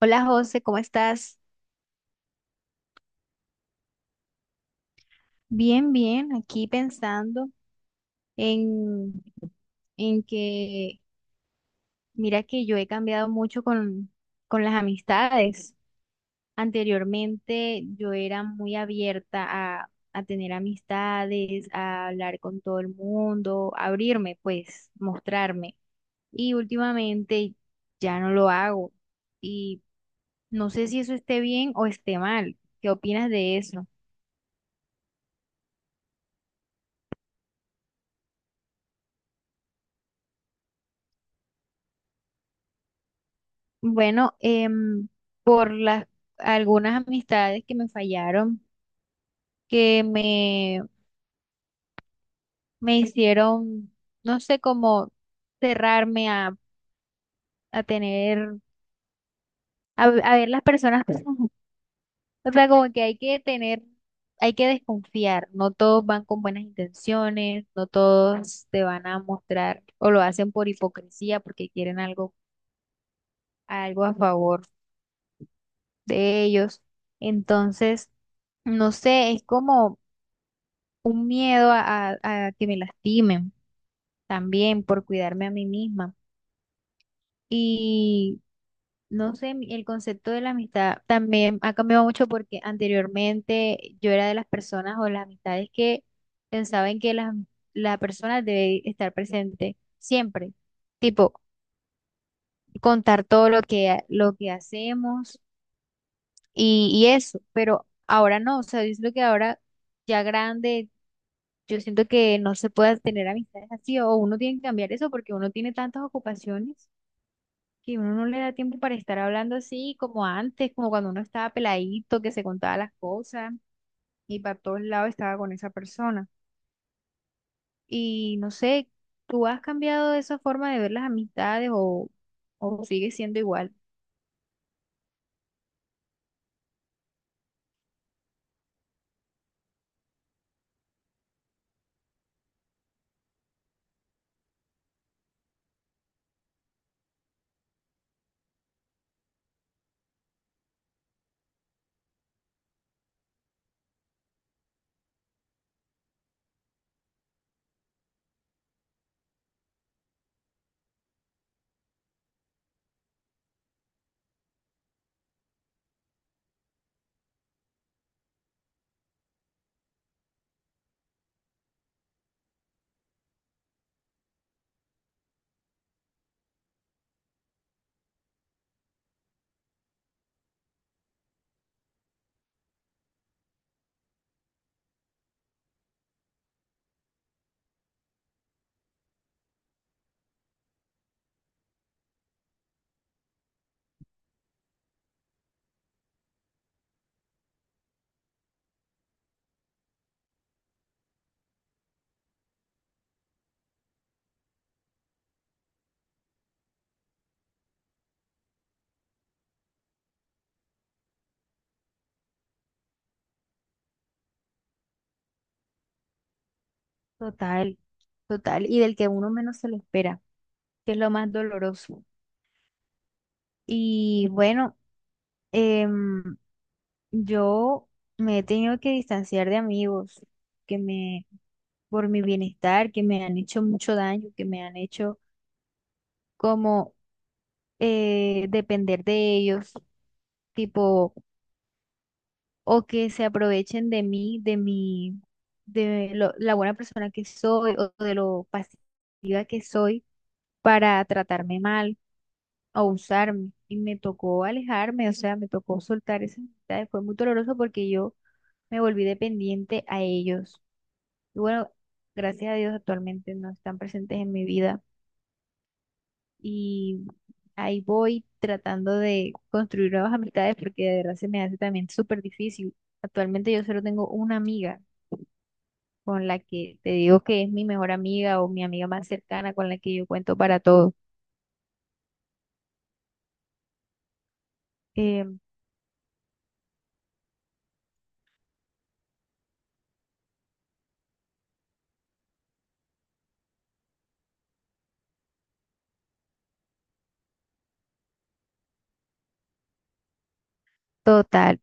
Hola José, ¿cómo estás? Bien, bien, aquí pensando en, en que, mira que yo he cambiado mucho con las amistades. Anteriormente yo era muy abierta a tener amistades, a hablar con todo el mundo, abrirme, pues, mostrarme. Y últimamente ya no lo hago. Y no sé si eso esté bien o esté mal. ¿Qué opinas de eso? Bueno, por las algunas amistades que me fallaron, que me, me hicieron, no sé cómo cerrarme a tener, a ver las personas. O sea, como que hay que tener, hay que desconfiar. No todos van con buenas intenciones, no todos te van a mostrar o lo hacen por hipocresía porque quieren algo, algo a favor de ellos. Entonces, no sé, es como un miedo a que me lastimen también por cuidarme a mí misma. Y no sé, el concepto de la amistad también ha cambiado mucho porque anteriormente yo era de las personas o las amistades que pensaban que la persona debe estar presente siempre, tipo contar todo lo lo que hacemos y eso, pero ahora no, o sea, yo siento que ahora ya grande. Yo siento que no se puede tener amistades así, o uno tiene que cambiar eso porque uno tiene tantas ocupaciones que uno no le da tiempo para estar hablando así como antes, como cuando uno estaba peladito, que se contaba las cosas y para todos lados estaba con esa persona. Y no sé, ¿tú has cambiado esa forma de ver las amistades o sigue siendo igual? Total, total, y del que uno menos se lo espera que es lo más doloroso. Y bueno, em, yo me he tenido que distanciar de amigos que me, por mi bienestar, que me han hecho mucho daño, que me han hecho como depender de ellos, tipo, o que se aprovechen de mí, de la buena persona que soy o de lo pasiva que soy para tratarme mal o usarme. Y me tocó alejarme, o sea, me tocó soltar esas amistades. Fue muy doloroso porque yo me volví dependiente a ellos. Y bueno, gracias a Dios actualmente no están presentes en mi vida y ahí voy tratando de construir nuevas amistades porque de verdad se me hace también súper difícil. Actualmente yo solo tengo una amiga con la que te digo que es mi mejor amiga o mi amiga más cercana con la que yo cuento para todo. Eh, total,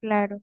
claro,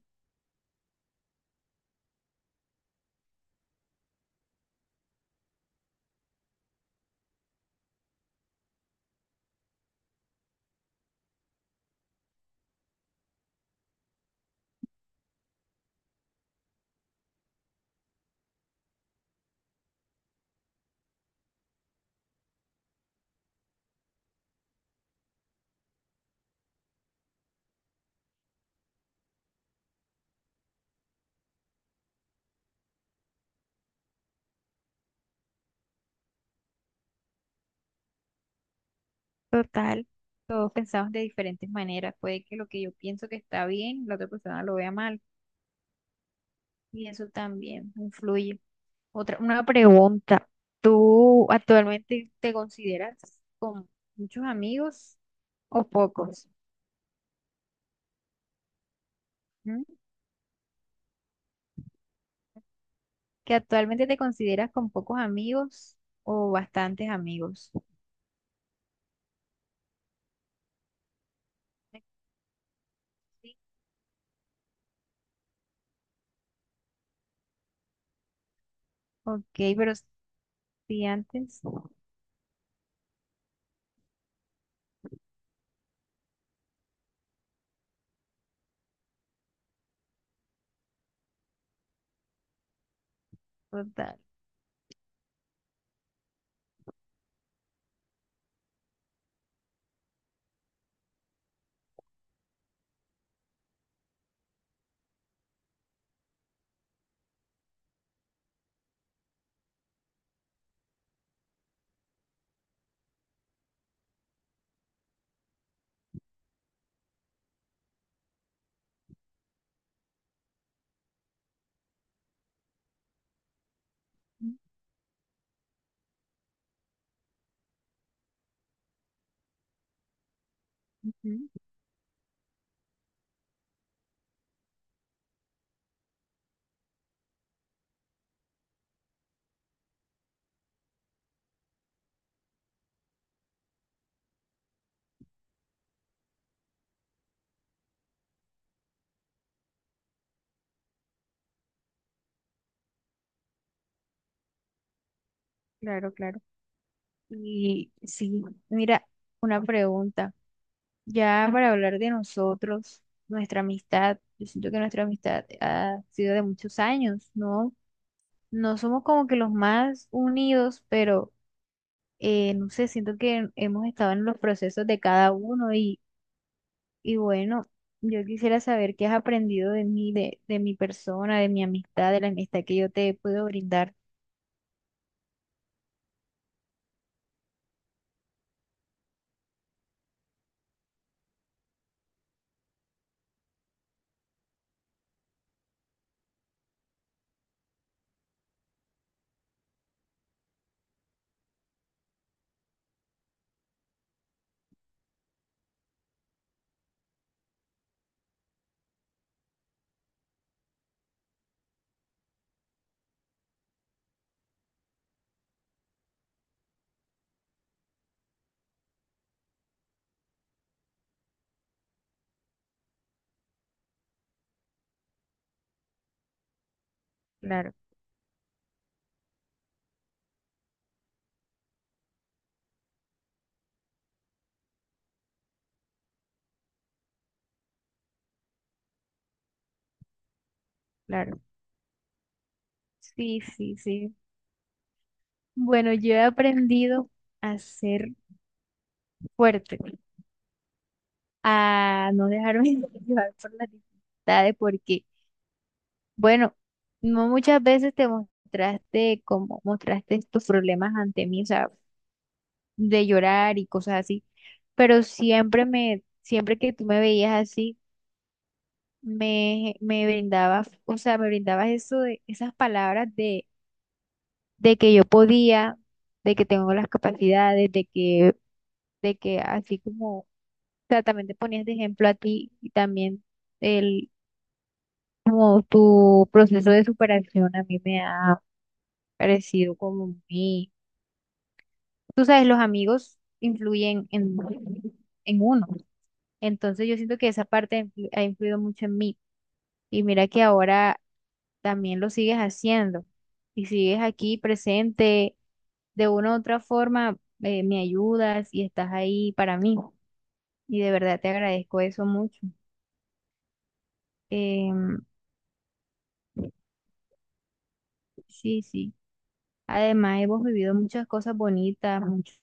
total. Todos pensamos de diferentes maneras. Puede que lo que yo pienso que está bien, la otra persona lo vea mal y eso también influye. Otra, una pregunta. ¿Tú actualmente te consideras con muchos amigos o pocos? ¿Mm? ¿Que actualmente te consideras con pocos amigos o bastantes amigos? Sí. Ok, pero si antes, total. Mm. Ujú. Claro, claro. Y sí, mira, una pregunta. Ya para hablar de nosotros, nuestra amistad, yo siento que nuestra amistad ha sido de muchos años, ¿no? No somos como que los más unidos, pero no sé, siento que hemos estado en los procesos de cada uno y bueno, yo quisiera saber qué has aprendido de mí, de mi persona, de mi amistad, de la amistad que yo te puedo brindar. Claro, claro. Sí, sí, sí. Bueno, yo he aprendido a ser fuerte, a no dejarme llevar por las dificultades, porque, bueno, no muchas veces te mostraste como mostraste tus problemas ante mí, o sea, de llorar y cosas así, pero siempre que tú me veías así, me brindabas, o sea, me brindabas eso de, esas palabras de que yo podía, de que tengo las capacidades, de que así como, o sea, también te ponías de ejemplo a ti y también el, como tu proceso de superación a mí me ha parecido como muy, tú sabes, los amigos influyen en uno. Entonces yo siento que esa parte ha influido mucho en mí. Y mira que ahora también lo sigues haciendo y sigues aquí presente. De una u otra forma, me ayudas y estás ahí para mí. Y de verdad te agradezco eso mucho. Em, sí, sí. Además, hemos vivido muchas cosas bonitas, muchos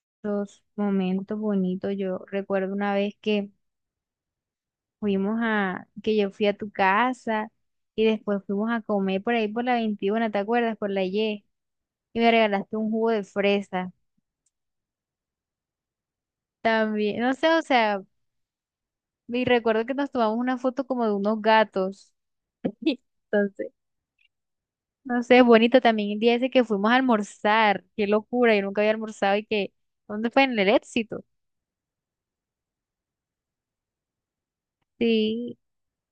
momentos bonitos. Yo recuerdo una vez que que yo fui a tu casa y después fuimos a comer por ahí por la 21, ¿te acuerdas? Por la Y. Y me regalaste un jugo de fresa también. No sé, o sea, y recuerdo que nos tomamos una foto como de unos gatos. Entonces, no sé, es bonito también el día ese que fuimos a almorzar. Qué locura, yo nunca había almorzado y que, ¿dónde fue? En el Éxito. Sí,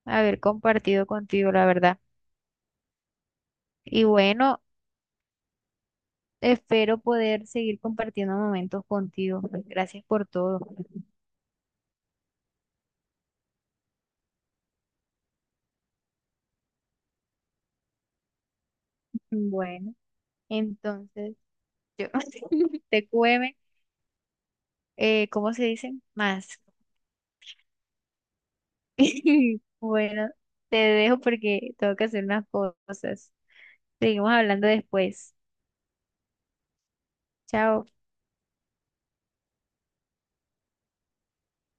haber compartido contigo, la verdad. Y bueno, espero poder seguir compartiendo momentos contigo. Pues, gracias por todo. Bueno, entonces yo te TQM, ¿cómo se dice? Más. Bueno, te dejo porque tengo que hacer unas cosas. Seguimos hablando después. Chao.